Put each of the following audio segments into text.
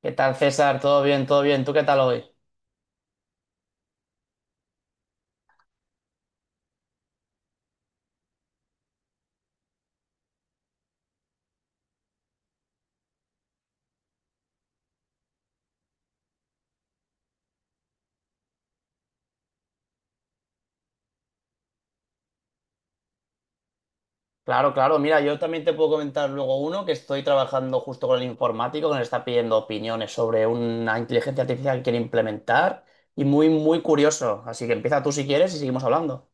¿Qué tal, César? ¿Todo bien? ¿Todo bien? ¿Tú qué tal hoy? Claro, claro. Mira, yo también te puedo comentar luego uno que estoy trabajando justo con el informático que nos está pidiendo opiniones sobre una inteligencia artificial que quiere implementar y muy, muy curioso. Así que empieza tú si quieres y seguimos hablando.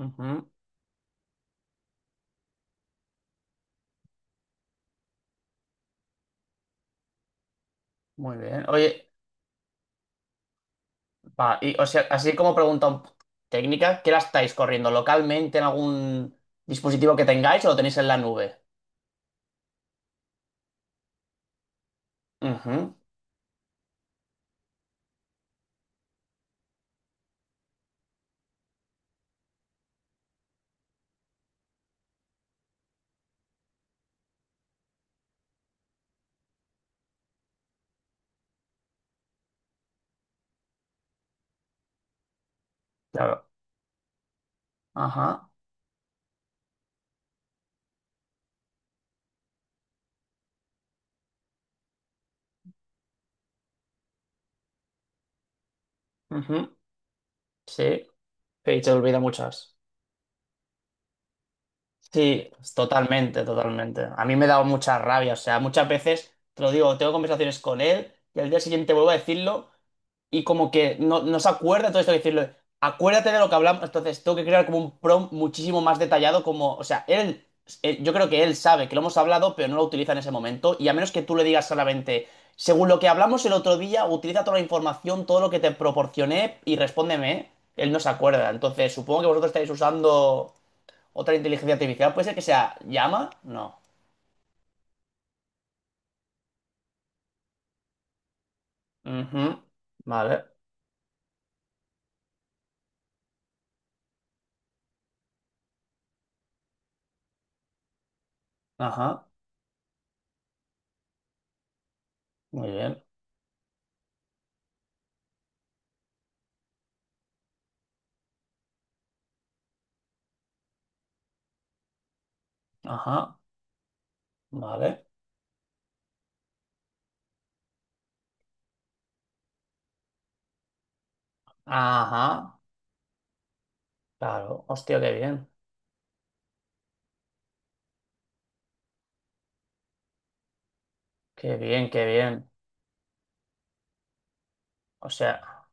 Ujú. Muy bien. Oye, va, y o sea, así como pregunta técnica, ¿qué la estáis corriendo? ¿Localmente en algún dispositivo que tengáis o lo tenéis en la nube? Ujú. Claro. Ajá. Ujú. Sí. Que se olvida muchas. Sí, totalmente, totalmente. A mí me ha dado mucha rabia, o sea, muchas veces, te lo digo, tengo conversaciones con él y al día siguiente vuelvo a decirlo y como que no, no se acuerda, entonces tengo que decirlo. Acuérdate de lo que hablamos, entonces tengo que crear como un prompt muchísimo más detallado, como, o sea, él, yo creo que él sabe que lo hemos hablado, pero no lo utiliza en ese momento y a menos que tú le digas solamente, según lo que hablamos el otro día, utiliza toda la información, todo lo que te proporcioné y respóndeme, él no se acuerda, entonces supongo que vosotros estáis usando... Otra inteligencia artificial puede ser que sea llama, no. Ujú. Vale, ajá, muy bien, ajá, vale, ajá, claro, hostia, qué bien, qué bien, qué bien. O sea,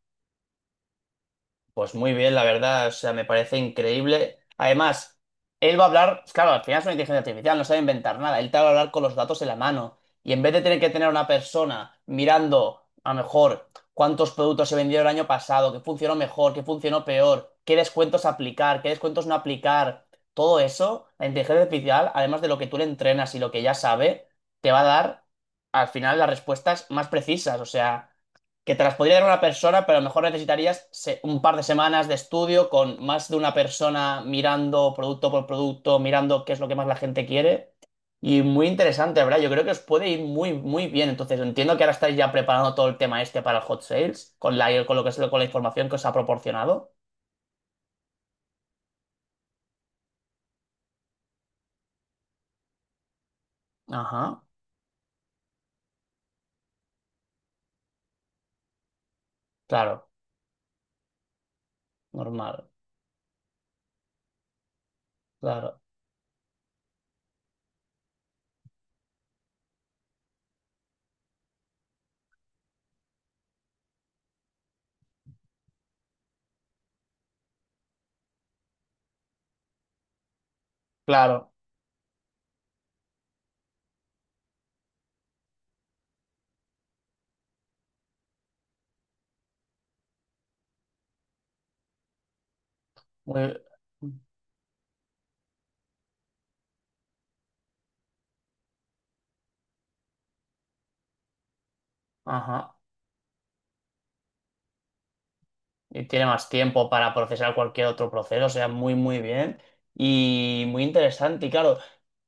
pues muy bien, la verdad, o sea, me parece increíble. Además, él va a hablar, claro, al final es una inteligencia artificial, no sabe inventar nada, él te va a hablar con los datos en la mano. Y en vez de tener que tener a una persona mirando, a lo mejor, cuántos productos se vendieron el año pasado, qué funcionó mejor, qué funcionó peor, qué descuentos aplicar, qué descuentos no aplicar, todo eso, la inteligencia artificial, además de lo que tú le entrenas y lo que ya sabe, te va a dar, al final, las respuestas más precisas. O sea que te las podría dar una persona, pero a lo mejor necesitarías un par de semanas de estudio con más de una persona mirando producto por producto, mirando qué es lo que más la gente quiere. Y muy interesante, ¿verdad? Yo creo que os puede ir muy, muy bien. Entonces, entiendo que ahora estáis ya preparando todo el tema este para el hot sales, con la, con lo que es, con la información que os ha proporcionado. Ajá, claro, normal, claro, claro. Muy, ajá. Y tiene más tiempo para procesar cualquier otro proceso, o sea, muy, muy bien y muy interesante. Y claro,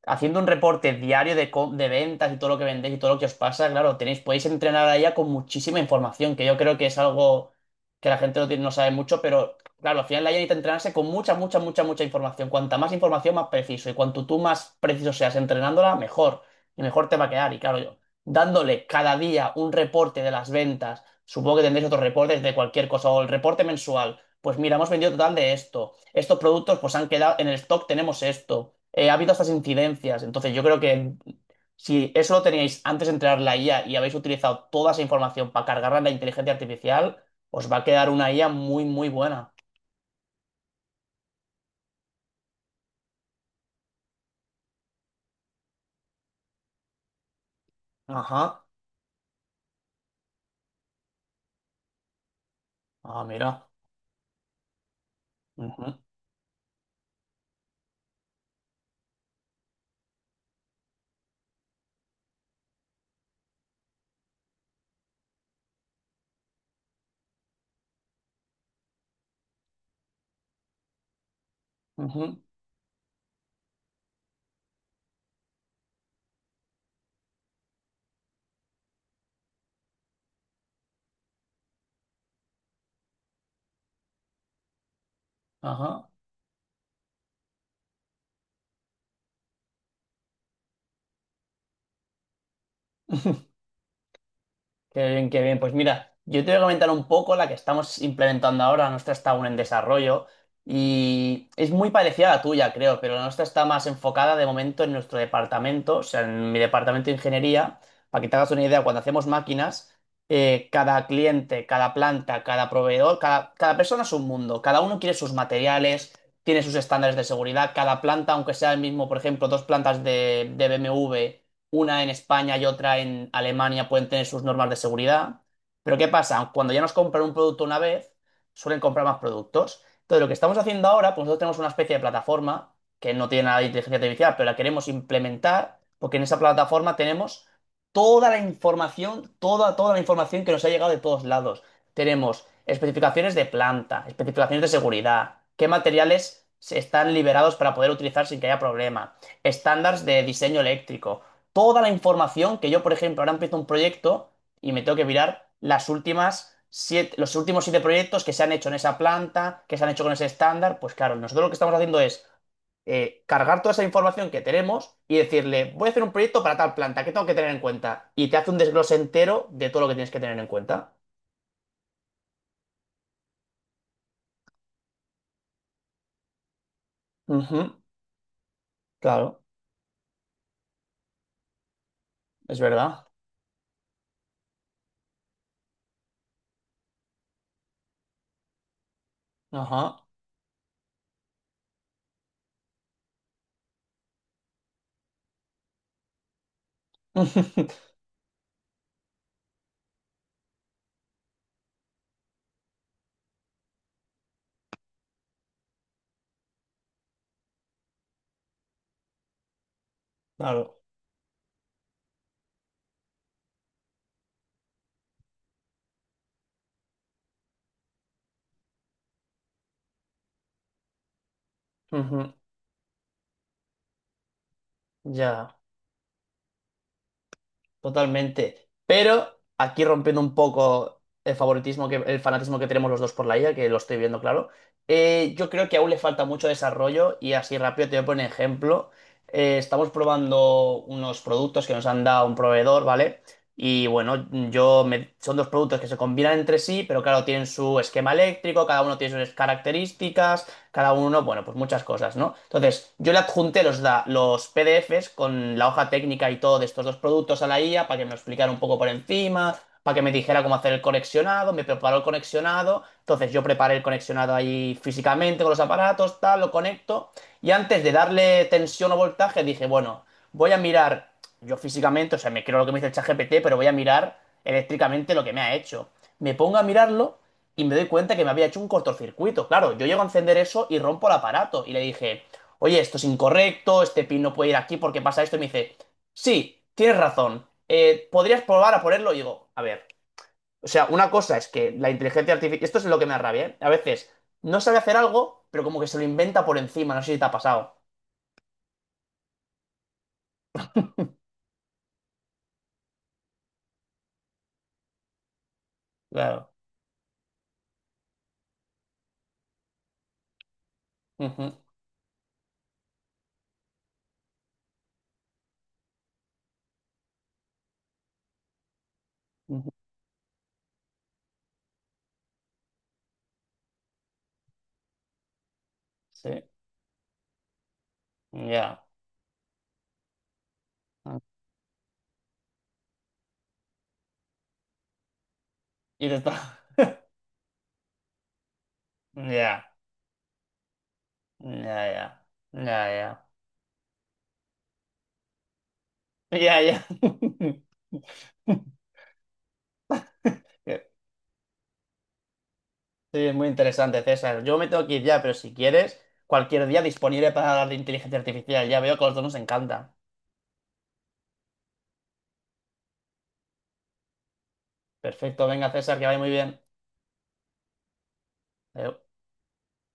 haciendo un reporte diario de, de ventas y todo lo que vendéis y todo lo que os pasa, claro, tenéis, podéis entrenar a ella con muchísima información, que yo creo que es algo que la gente no, no sabe mucho, pero claro, al final la IA necesita entrenarse con mucha, mucha, mucha, mucha información. Cuanta más información, más preciso. Y cuanto tú más preciso seas entrenándola, mejor. Y mejor te va a quedar. Y claro, yo, dándole cada día un reporte de las ventas. Supongo que tendréis otros reportes de cualquier cosa o el reporte mensual. Pues mira, hemos vendido total de esto. Estos productos pues han quedado en el stock, tenemos esto. Ha habido estas incidencias. Entonces yo creo que si eso lo teníais antes de entrar la IA y habéis utilizado toda esa información para cargarla en la inteligencia artificial, os va a quedar una IA muy, muy buena. Ajá. Ah, mira. Ujú, ujú, ajá. Qué bien, qué bien. Pues mira, yo te voy a comentar un poco la que estamos implementando ahora. La nuestra está aún en desarrollo y es muy parecida a la tuya, creo, pero la nuestra está más enfocada de momento en nuestro departamento, o sea, en mi departamento de ingeniería. Para que te hagas una idea, cuando hacemos máquinas, cada cliente, cada planta, cada proveedor, cada, cada persona es un mundo. Cada uno quiere sus materiales, tiene sus estándares de seguridad. Cada planta, aunque sea el mismo, por ejemplo, dos plantas de BMW, una en España y otra en Alemania, pueden tener sus normas de seguridad. Pero ¿qué pasa? Cuando ya nos compran un producto una vez, suelen comprar más productos. Entonces, lo que estamos haciendo ahora, pues nosotros tenemos una especie de plataforma que no tiene nada de inteligencia artificial, pero la queremos implementar porque en esa plataforma tenemos toda la información, toda, toda la información que nos ha llegado de todos lados. Tenemos especificaciones de planta, especificaciones de seguridad, qué materiales se están liberados para poder utilizar sin que haya problema, estándares de diseño eléctrico, toda la información que yo, por ejemplo, ahora empiezo un proyecto y me tengo que mirar los últimos siete proyectos que se han hecho en esa planta, que se han hecho con ese estándar. Pues claro, nosotros lo que estamos haciendo es cargar toda esa información que tenemos y decirle, voy a hacer un proyecto para tal planta, ¿qué tengo que tener en cuenta? Y te hace un desglose entero de todo lo que tienes que tener en cuenta. Ujú. Claro, es verdad. Ajá. Claro. Ujú. Ya. Totalmente. Pero aquí rompiendo un poco el favoritismo que, el fanatismo que tenemos los dos por la IA, que lo estoy viendo claro, yo creo que aún le falta mucho desarrollo y así rápido te voy a poner ejemplo. Estamos probando unos productos que nos han dado un proveedor, ¿vale? Y bueno, son dos productos que se combinan entre sí, pero claro, tienen su esquema eléctrico, cada uno tiene sus características, cada uno, bueno, pues muchas cosas, ¿no? Entonces, yo le adjunté los, los PDFs con la hoja técnica y todo de estos dos productos a la IA para que me lo explicara un poco por encima, para que me dijera cómo hacer el conexionado, me preparó el conexionado, entonces yo preparé el conexionado ahí físicamente con los aparatos, tal, lo conecto y antes de darle tensión o voltaje dije, bueno, voy a mirar yo físicamente, o sea, me creo lo que me dice el ChatGPT, pero voy a mirar eléctricamente lo que me ha hecho. Me pongo a mirarlo y me doy cuenta que me había hecho un cortocircuito. Claro, yo llego a encender eso y rompo el aparato. Y le dije, oye, esto es incorrecto, este pin no puede ir aquí porque pasa esto. Y me dice, sí, tienes razón, podrías probar a ponerlo. Y digo, a ver, o sea, una cosa es que la inteligencia artificial, esto es lo que me arrabia, ¿eh? A veces no sabe hacer algo, pero como que se lo inventa por encima, no sé si te ha pasado. Claro. Ujú, ujú. Sí, ya. Y te está... Ya, ya, ya, ya, ya, ya, ya. Sí, es muy interesante, César. Yo me tengo que ir ya, pero si quieres, cualquier día disponible para hablar de inteligencia artificial. Ya veo que a los dos nos encanta. Perfecto, venga, César, que vaya muy bien. Adeu.